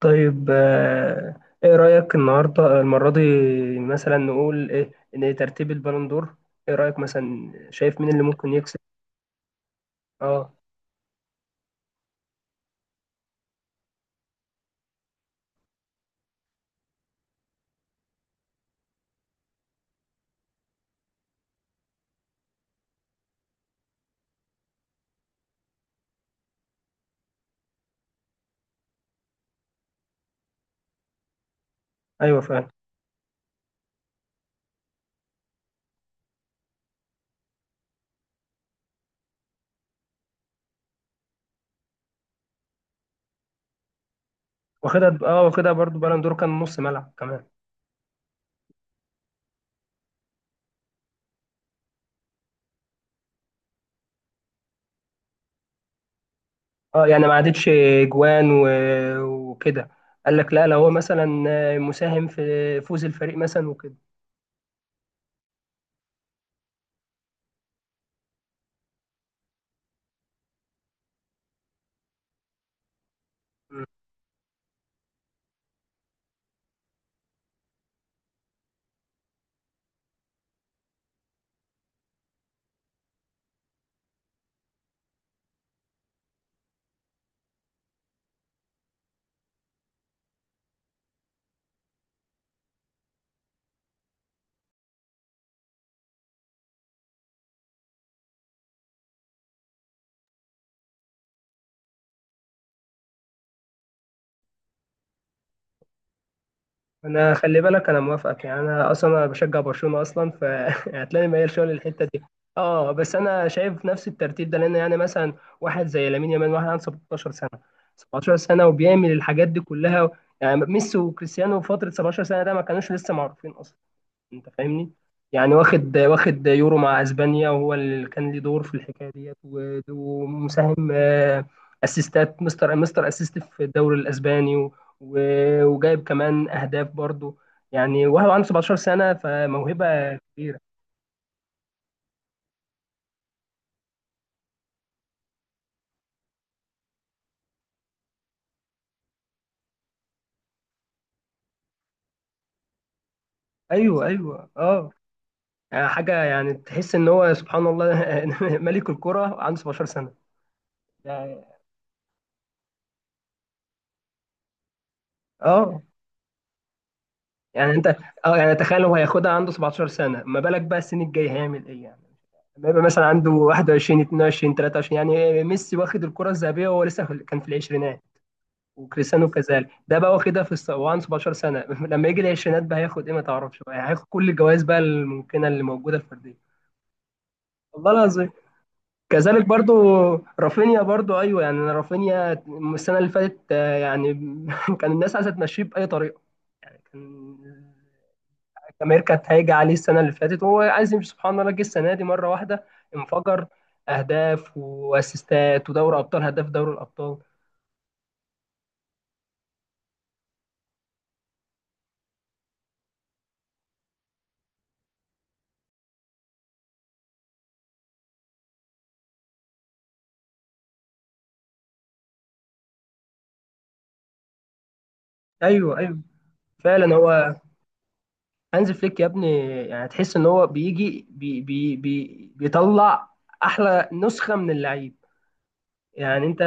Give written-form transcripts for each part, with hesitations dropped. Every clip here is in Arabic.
طيب، ايه رأيك النهارده المرة دي؟ مثلا نقول ايه؟ ان ترتيب البالون دور، ايه رأيك مثلا؟ شايف مين اللي ممكن يكسب؟ اه، ايوه فعلا. واخدها برضو، بالون دور كان نص ملعب كمان. اه يعني ما عادتش جوان وكده. قال لك لا، لو هو مثلا مساهم في فوز الفريق مثلا وكده. انا خلي بالك انا موافقك، يعني انا اصلا انا بشجع برشلونه اصلا، فهتلاقيني ميال شويه للحته دي. اه بس انا شايف نفس الترتيب ده، لان يعني مثلا واحد زي لامين يامال، واحد عنده 17 سنه. 17 سنه وبيعمل الحاجات دي كلها. يعني ميسي وكريستيانو في فتره 17 سنه ده ما كانوش لسه معروفين اصلا، انت فاهمني. يعني واخد يورو مع اسبانيا، وهو اللي كان ليه دور في الحكايه ديت، ومساهم، اسيستات، مستر اسيست في الدوري الاسباني، وجايب كمان اهداف برضو. يعني وهو عنده 17 سنه، فموهبه كبيره. ايوه ايوه اه. يعني حاجه، يعني تحس ان هو سبحان الله ملك الكره عنده 17 سنه يعني. اه يعني انت، اه يعني تخيل هو هياخدها عنده 17 سنه، ما بالك بقى السنين الجايه هيعمل ايه يعني؟ لما يبقى مثلا عنده 21 22 23. يعني ميسي واخد الكرة الذهبية وهو لسه كان في العشرينات، وكريستيانو كذلك. ده بقى واخدها وعنده 17 سنة، لما يجي العشرينات بقى هياخد ايه؟ ما تعرفش بقى، هياخد كل الجوائز بقى الممكنة اللي موجودة الفردية. والله العظيم كذلك برضو. رافينيا برضو، ايوه يعني، أنا رافينيا السنة اللي فاتت يعني كان الناس عايزة تمشيه بأي طريقة، كان امير كانت هايجة عليه السنه اللي فاتت، وهو عايز يمشي. سبحان الله جه السنه دي مره واحده انفجر. اهداف واسيستات ودوري ابطال، هداف دوري الابطال. ايوه ايوه، فعلا هو. هانز فليك يا ابني، يعني تحس ان هو بيجي بي بي بي بيطلع احلى نسخه من اللعيب. يعني انت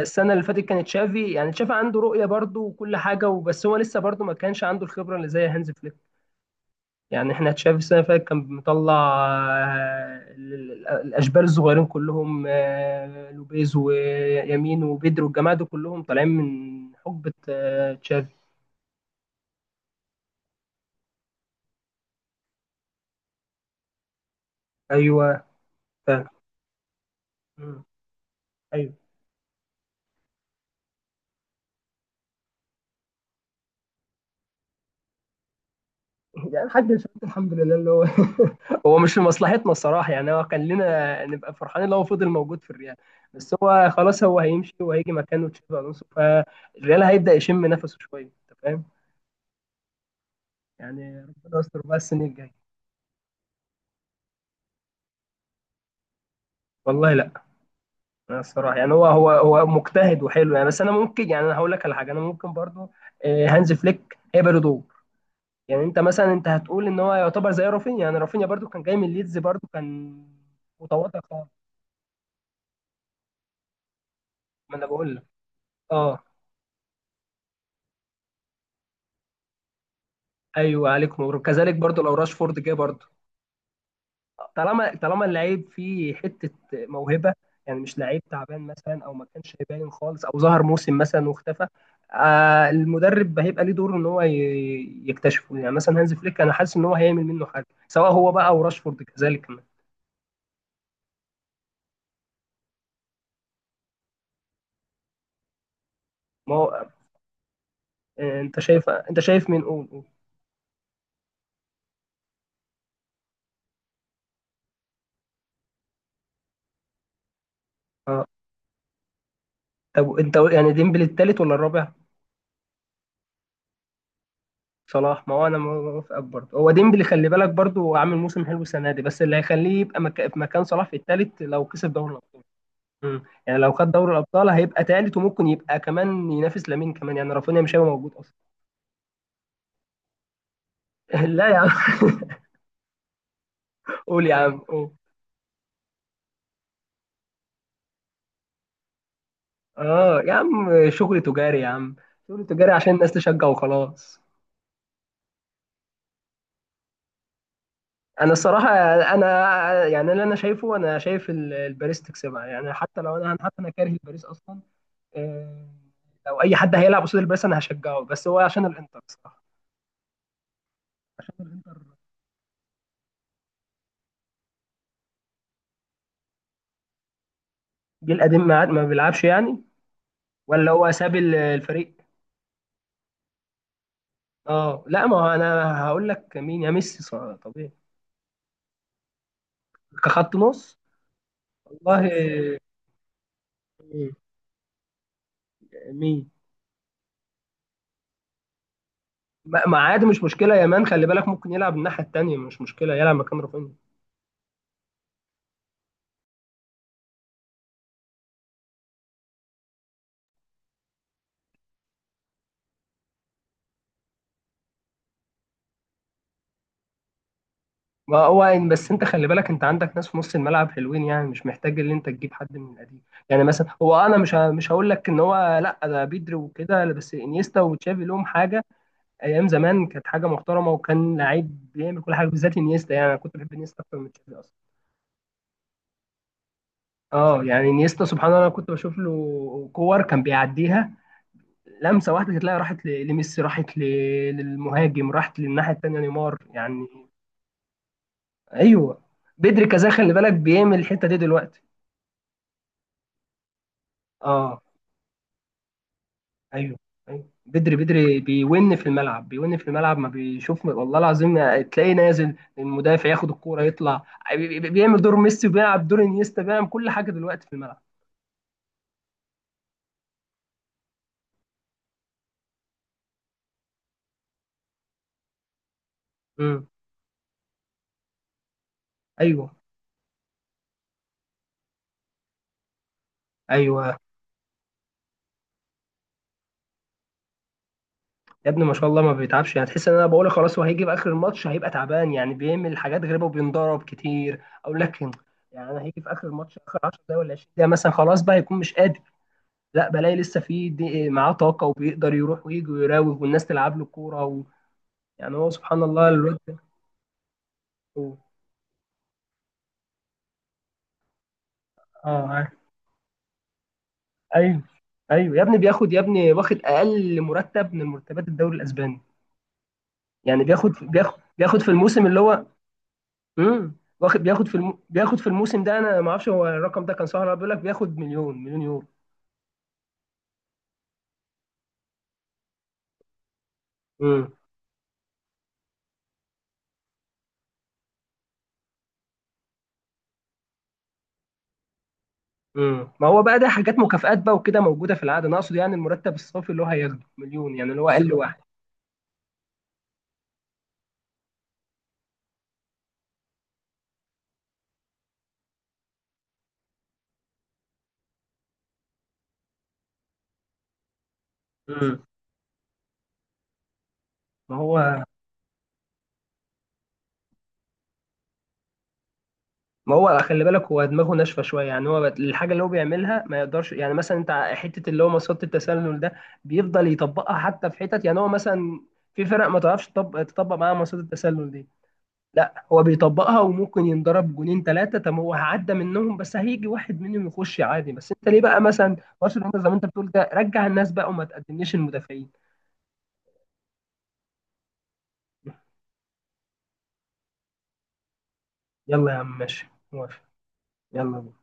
السنه اللي فاتت كانت تشافي، يعني تشافي عنده رؤيه برضه وكل حاجه، وبس هو لسه برضه ما كانش عنده الخبره اللي زي هانز فليك. يعني احنا تشافي السنه اللي فاتت كان مطلع الاشبال الصغيرين كلهم، لوبيز ويمين وبيدرو والجماعه دول كلهم طالعين من حقبه تشافي. ايوه فعلا. مم. ايوه. يعني الحاج، الفلوس الحمد لله، اللي هو هو مش في مصلحتنا الصراحه. يعني هو كان لنا نبقى فرحانين لو هو فضل موجود في الريال، بس هو خلاص هو هيمشي، وهيجي مكانه تشافي الونسو، فالريال هيبدا يشم نفسه شويه، انت فاهم. يعني ربنا يستر بقى السنه الجايه. والله لا. أنا الصراحه يعني، هو مجتهد وحلو يعني، بس انا ممكن، يعني انا هقول لك على حاجه. انا ممكن برضو، هانز فليك هيبقى له دور. يعني انت مثلا انت هتقول ان هو يعتبر زي رافينيا، يعني رافينيا برضو كان جاي من ليدز، برضو كان متواضع خالص. ما انا بقول لك. اه، ايوه عليك نور، كذلك برضو لو راشفورد جه برضو. طالما اللعيب فيه حته موهبه، يعني مش لعيب تعبان مثلا، او ما كانش باين خالص، او ظهر موسم مثلا واختفى، آه المدرب هيبقى ليه دور ان هو يكتشفه. يعني مثلا هانز فليك، انا حاسس ان هو هيعمل منه حاجه، سواء هو بقى او راشفورد كذلك كمان. ما هو، انت شايف، مين؟ قول قول. اه. طب انت يعني ديمبلي التالت ولا الرابع؟ صلاح؟ ما هو انا موافقك برضه. هو ديمبلي خلي بالك برضه عامل موسم حلو السنه دي، بس اللي هيخليه يبقى في مكان صلاح في التالت لو كسب دوري الابطال. مم. يعني لو خد دوري الابطال هيبقى تالت، وممكن يبقى كمان ينافس لامين كمان، يعني رافينيا مش هيبقى موجود اصلا. لا يا عم قول يا عم، قول. اه يا عم، شغل تجاري يا عم، شغل تجاري عشان الناس تشجع وخلاص. انا الصراحه، انا يعني اللي انا شايفه، انا شايف الباريس تكسبها، يعني حتى لو انا، حتى انا كاره الباريس اصلا، آه، لو اي حد هيلعب قصاد الباريس انا هشجعه، بس هو عشان الانتر الصراحه. جيل قديم ما بيلعبش يعني؟ ولا هو ساب الفريق؟ اه لا، ما هو انا هقول لك مين، يا ميسي طبيعي. كخط نص. والله. مم. مين؟ ما عادي، مش مشكله يامان، خلي بالك ممكن يلعب الناحيه التانيه، مش مشكله يلعب مكان رافينيا. ما هو بس انت خلي بالك، انت عندك ناس في نص الملعب حلوين، يعني مش محتاج ان انت تجيب حد من القديم. يعني مثلا هو، انا مش هقول لك ان هو، لا ده بيدري وكده، لا، بس انيستا وتشافي لهم حاجه. ايام زمان كانت حاجه محترمه، وكان لعيب بيعمل كل حاجه بالذات انيستا، يعني انا كنت بحب انيستا اكتر من تشافي اصلا. اه يعني انيستا سبحان الله، انا كنت بشوف له كور كان بيعديها لمسه واحده، تلاقي راحت لميسي، راحت للمهاجم، راحت للناحيه التانيه نيمار يعني. ايوه بدري كذا خلي بالك بيعمل الحته دي دلوقتي. اه. ايوه ايوه، بدري بدري بيون في الملعب، بيون في الملعب ما بيشوف، والله العظيم. تلاقيه نازل المدافع ياخد الكوره يطلع. بيعمل دور ميسي، وبيلعب دور انيستا، بيعمل كل حاجه دلوقتي في الملعب. امم. ايوه ايوه يا ابني، ما شاء الله ما بيتعبش. يعني تحس ان انا بقول خلاص هو هيجي في اخر الماتش هيبقى تعبان، يعني بيعمل حاجات غريبه وبينضرب كتير او لكن، يعني انا هيجي في اخر الماتش اخر 10 دقايق ولا 20 دقيقه مثلا، خلاص بقى هيكون مش قادر. لا، بلاقي لسه في دي معاه طاقه، وبيقدر يروح ويجي ويراوغ، والناس تلعب له كوره يعني هو سبحان الله الواد ده. هو- اه، عارف. ايوه، ايوه يا ابني بياخد، يا ابني واخد اقل مرتب من مرتبات الدوري الاسباني. يعني بياخد في الموسم اللي هو، واخد بياخد بياخد في الموسم ده، انا ما اعرفش هو الرقم ده كان صح ولا لا، بيقول لك بياخد مليون مليون يورو. امم. ما هو بقى ده حاجات مكافآت بقى وكده، موجوده في العاده. انا اقصد يعني المرتب الصافي اللي هو هياخده مليون، يعني اللي هو اقل واحد. امم ما هو ما هو خلي بالك هو دماغه ناشفه شويه، يعني هو الحاجه اللي هو بيعملها ما يقدرش، يعني مثلا انت حته اللي هو مصيده التسلل ده، بيفضل يطبقها حتى في حتت، يعني هو مثلا في فرق ما تعرفش تطبق معاها مصيده التسلل دي. لا، هو بيطبقها، وممكن ينضرب جونين ثلاثه، طب هو هعدى منهم، بس هيجي واحد منهم يخش عادي. بس انت ليه بقى مثلا برشلونه زي ما انت بتقول ده، رجع الناس بقى وما تقدمليش المدافعين. يلا يا عم، ماشي موافق. يلا بينا.